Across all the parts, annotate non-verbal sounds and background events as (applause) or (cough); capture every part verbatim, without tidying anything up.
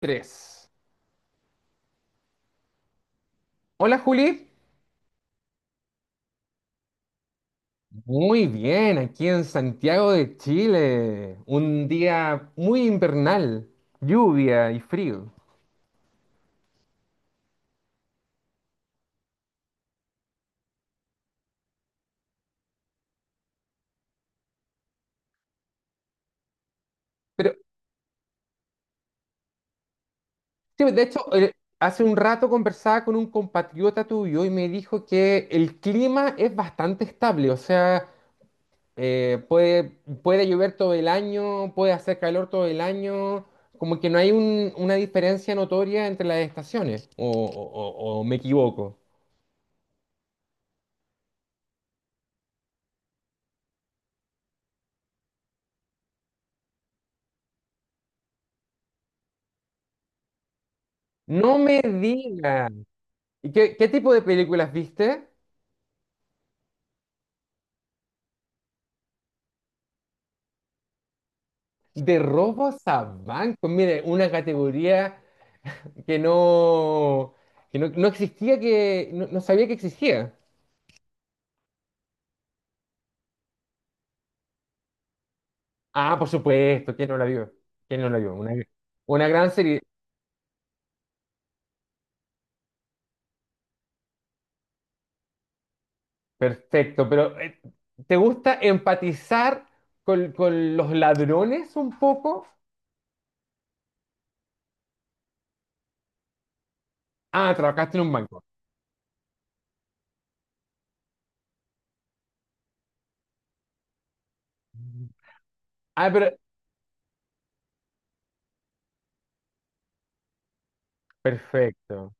Tres. Hola Juli, muy bien, aquí en Santiago de Chile, un día muy invernal, lluvia y frío. Pero sí, de hecho, eh, hace un rato conversaba con un compatriota tuyo y me dijo que el clima es bastante estable, o sea, eh, puede, puede llover todo el año, puede hacer calor todo el año, como que no hay un- una diferencia notoria entre las estaciones, o o- o- o me equivoco. No me digas. ¿Y qué, qué tipo de películas viste? De robos a bancos. Mire, una categoría que no, que no, no existía, que no, no sabía que existía. Ah, por supuesto, ¿quién no la vio? ¿Quién no la vio? Una, una gran serie. Perfecto, pero eh, ¿te gusta empatizar con, con los ladrones un poco? Ah, trabajaste en un banco. Ah, pero... Perfecto.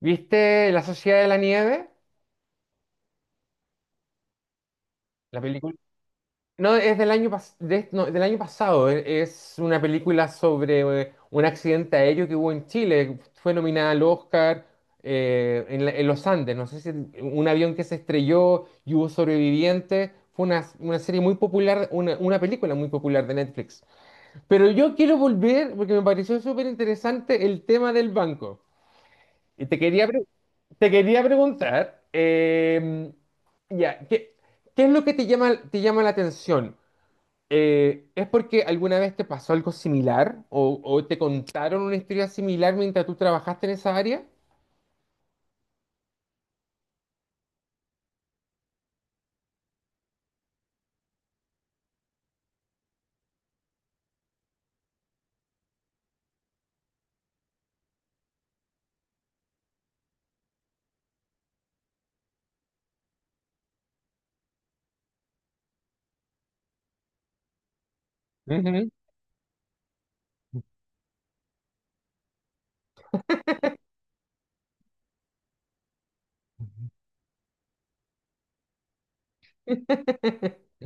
¿Viste La Sociedad de la Nieve? La película. No, es del año, pas- de- no, del año pasado. E- Es una película sobre eh, un accidente aéreo que hubo en Chile. Fue nominada al Oscar eh, en, la- en los Andes. No sé si un avión que se estrelló y hubo sobrevivientes. Fue una, una serie muy popular, una, una película muy popular de Netflix. Pero yo quiero volver, porque me pareció súper interesante el tema del banco. Y te quería, pre- te quería preguntar, em, ya, ¿qué, ¿qué es lo que te llama, te llama la atención? Eh, ¿es porque alguna vez te pasó algo similar o, o te contaron una historia similar mientras tú trabajaste en esa área? Ujú. (laughs)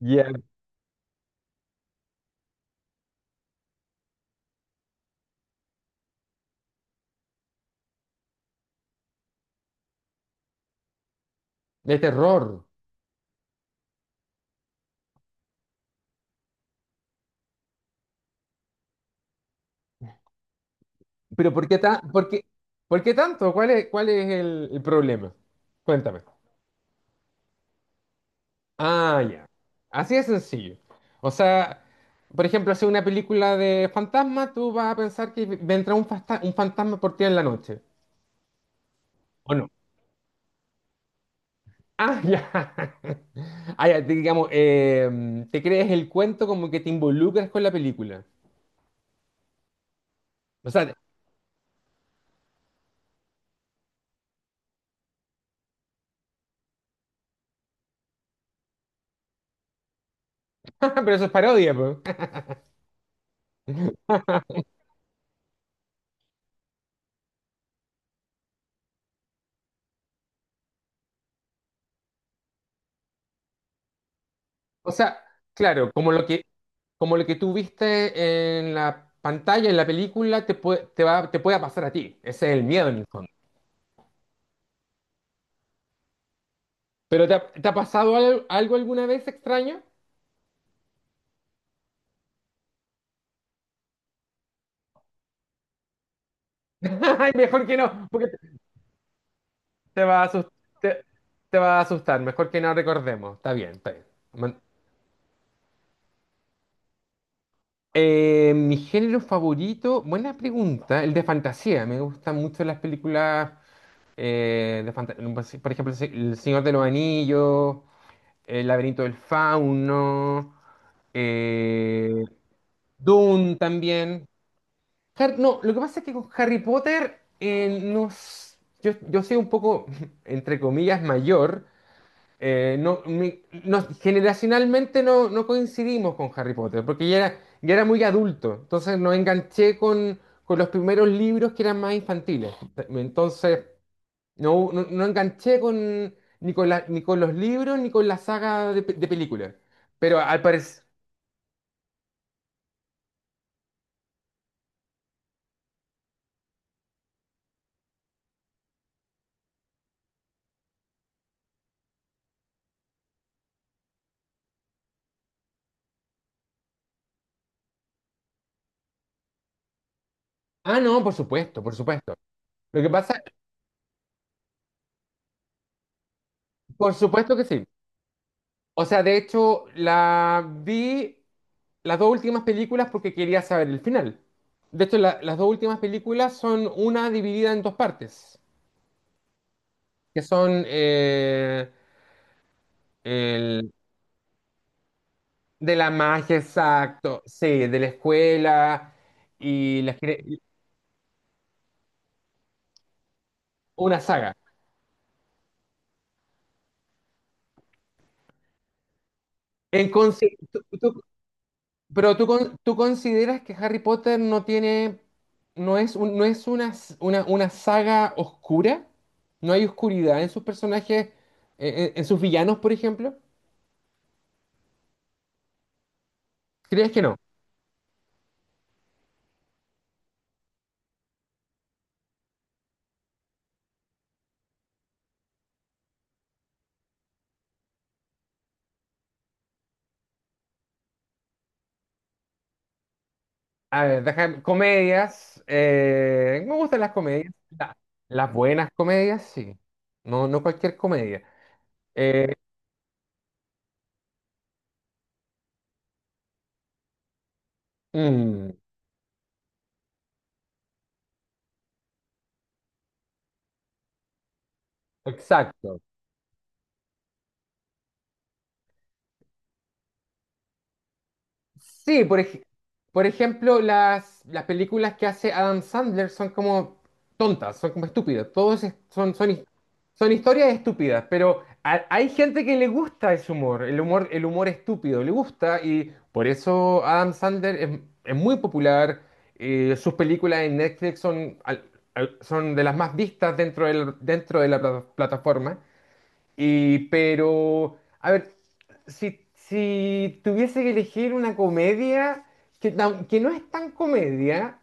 Ya. De terror. Pero ¿por qué, ta- por qué- ¿por qué tanto? ¿Cuál es, ¿cuál es el, el problema? Cuéntame. Ah, ya. Así de sencillo. O sea, por ejemplo, hacer una película de fantasma, tú vas a pensar que vendrá un, fasta- un fantasma por ti en la noche. O no. Ah, ya. (laughs) Ah, ya, te- digamos, em, te crees el cuento como que te involucras con la película. O sea, (laughs) pero eso es parodia, po. O sea, claro, como lo que, como lo que tú viste en la pantalla, en la película, te puede, te va, te pueda pasar a ti. Ese es el miedo en el fondo. ¿Pero te ha, te ha pasado al- algo, alguna vez extraño? (laughs) Ay, mejor que no, porque te te va a asustar, te, te va a asustar. Mejor que no recordemos. Está bien, está bien. Eh, mi género favorito, buena pregunta, el de fantasía. Me gustan mucho las películas eh, de fantasía. Por ejemplo, El Señor de los Anillos, El Laberinto del Fauno, eh, Dune también. Har- no, lo que pasa es que con Harry Potter, eh, nos- yo, yo soy un poco, (laughs) entre comillas, mayor. Eh, no, mi- no- generacionalmente no, no coincidimos con Harry Potter, porque ya era, ya era muy adulto, entonces no enganché con, con los primeros libros que eran más infantiles. Entonces, no, no, no enganché con, ni con la- ni con los libros ni con la saga de, pe- de películas. Pero al parecer... Ah, no, por supuesto, por supuesto. Lo que pasa, por supuesto que sí. O sea, de hecho, la vi las dos últimas películas porque quería saber el final. De hecho, la- las dos últimas películas son una dividida en dos partes, que son eh, el, de la magia, exacto, sí, de la escuela y las cre- una saga. En conse- ¿tú, tú- Pero tú, con- tú consideras que Harry Potter no tiene, no es un- no es una, s- una, una saga oscura, no hay oscuridad en sus personajes, eh, en, en sus villanos, por ejemplo. ¿Crees que no? A ver, déjame, comedias, eh, me gustan las comedias, la- las buenas comedias, sí, no, no cualquier comedia. Eh, mm, exacto. Sí, por, ej- por ejemplo, las, las películas que hace Adam Sandler son como tontas, son como estúpidas. Todos es- son, son, his- Son historias estúpidas, pero a- hay gente que le gusta ese humor, el humor, el humor estúpido, le gusta y por eso Adam Sandler es, es muy popular. Eh, sus películas en Netflix son, al- al- son de las más vistas dentro del- dentro de la pla- plataforma. Y, pero, a ver, si, si tuviese que elegir una comedia que, tam- que no es tan comedia,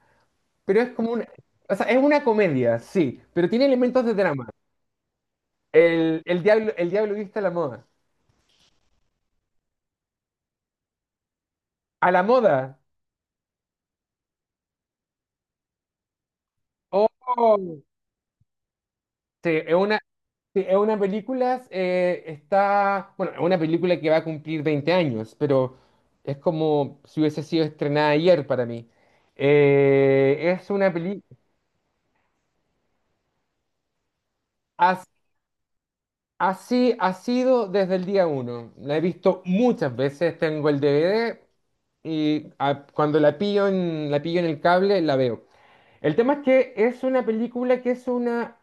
pero es como una, o sea, es una comedia, sí, pero tiene elementos de drama. El, el diablo, El diablo viste a la moda. A la moda. Oh, sí, es una, sí, es una película, eh, está, bueno, es una película que va a cumplir veinte años, pero es como si hubiese sido estrenada ayer para mí. Eh, es una película... Así ha sido desde el día uno. La he visto muchas veces, tengo el D V D y ah, cuando la pillo en, la pillo en el cable la veo. El tema es que es una película que es una...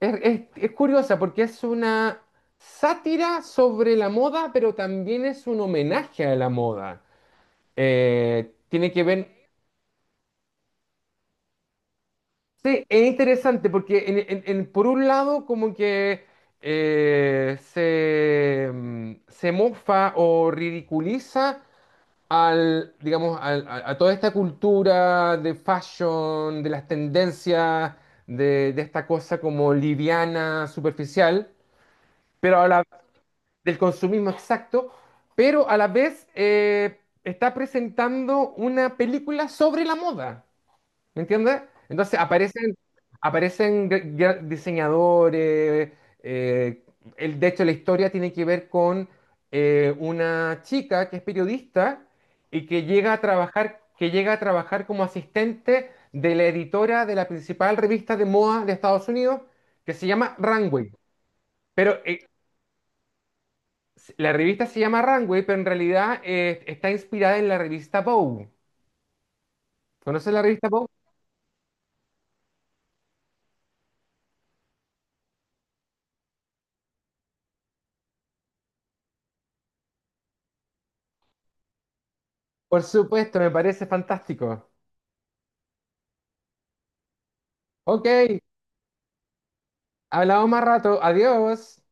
Es, es- es curiosa porque es una sátira sobre la moda, pero también es un homenaje a la moda. Eh, tiene que ver. Sí, es interesante porque en- en- en- por un lado como que eh, se, mm, se mofa o ridiculiza al, digamos, al- a, a toda esta cultura de fashion, de las tendencias, de, de esta cosa como liviana, superficial, pero a la, del consumismo exacto, pero a la vez eh, está presentando una película sobre la moda. ¿Me entiendes? Entonces aparecen, aparecen gr- gr- diseñadores. eh, el, de hecho, la historia tiene que ver con eh, una chica que es periodista y que llega a trabajar, que llega a trabajar como asistente de la editora de la principal revista de moda de Estados Unidos, que se llama Runway. Pero eh, la revista se llama Runway, pero en realidad eh, está inspirada en la revista Vogue. ¿Conoces la revista Vogue? Por supuesto, me parece fantástico. Ok. Hablamos más rato. Adiós.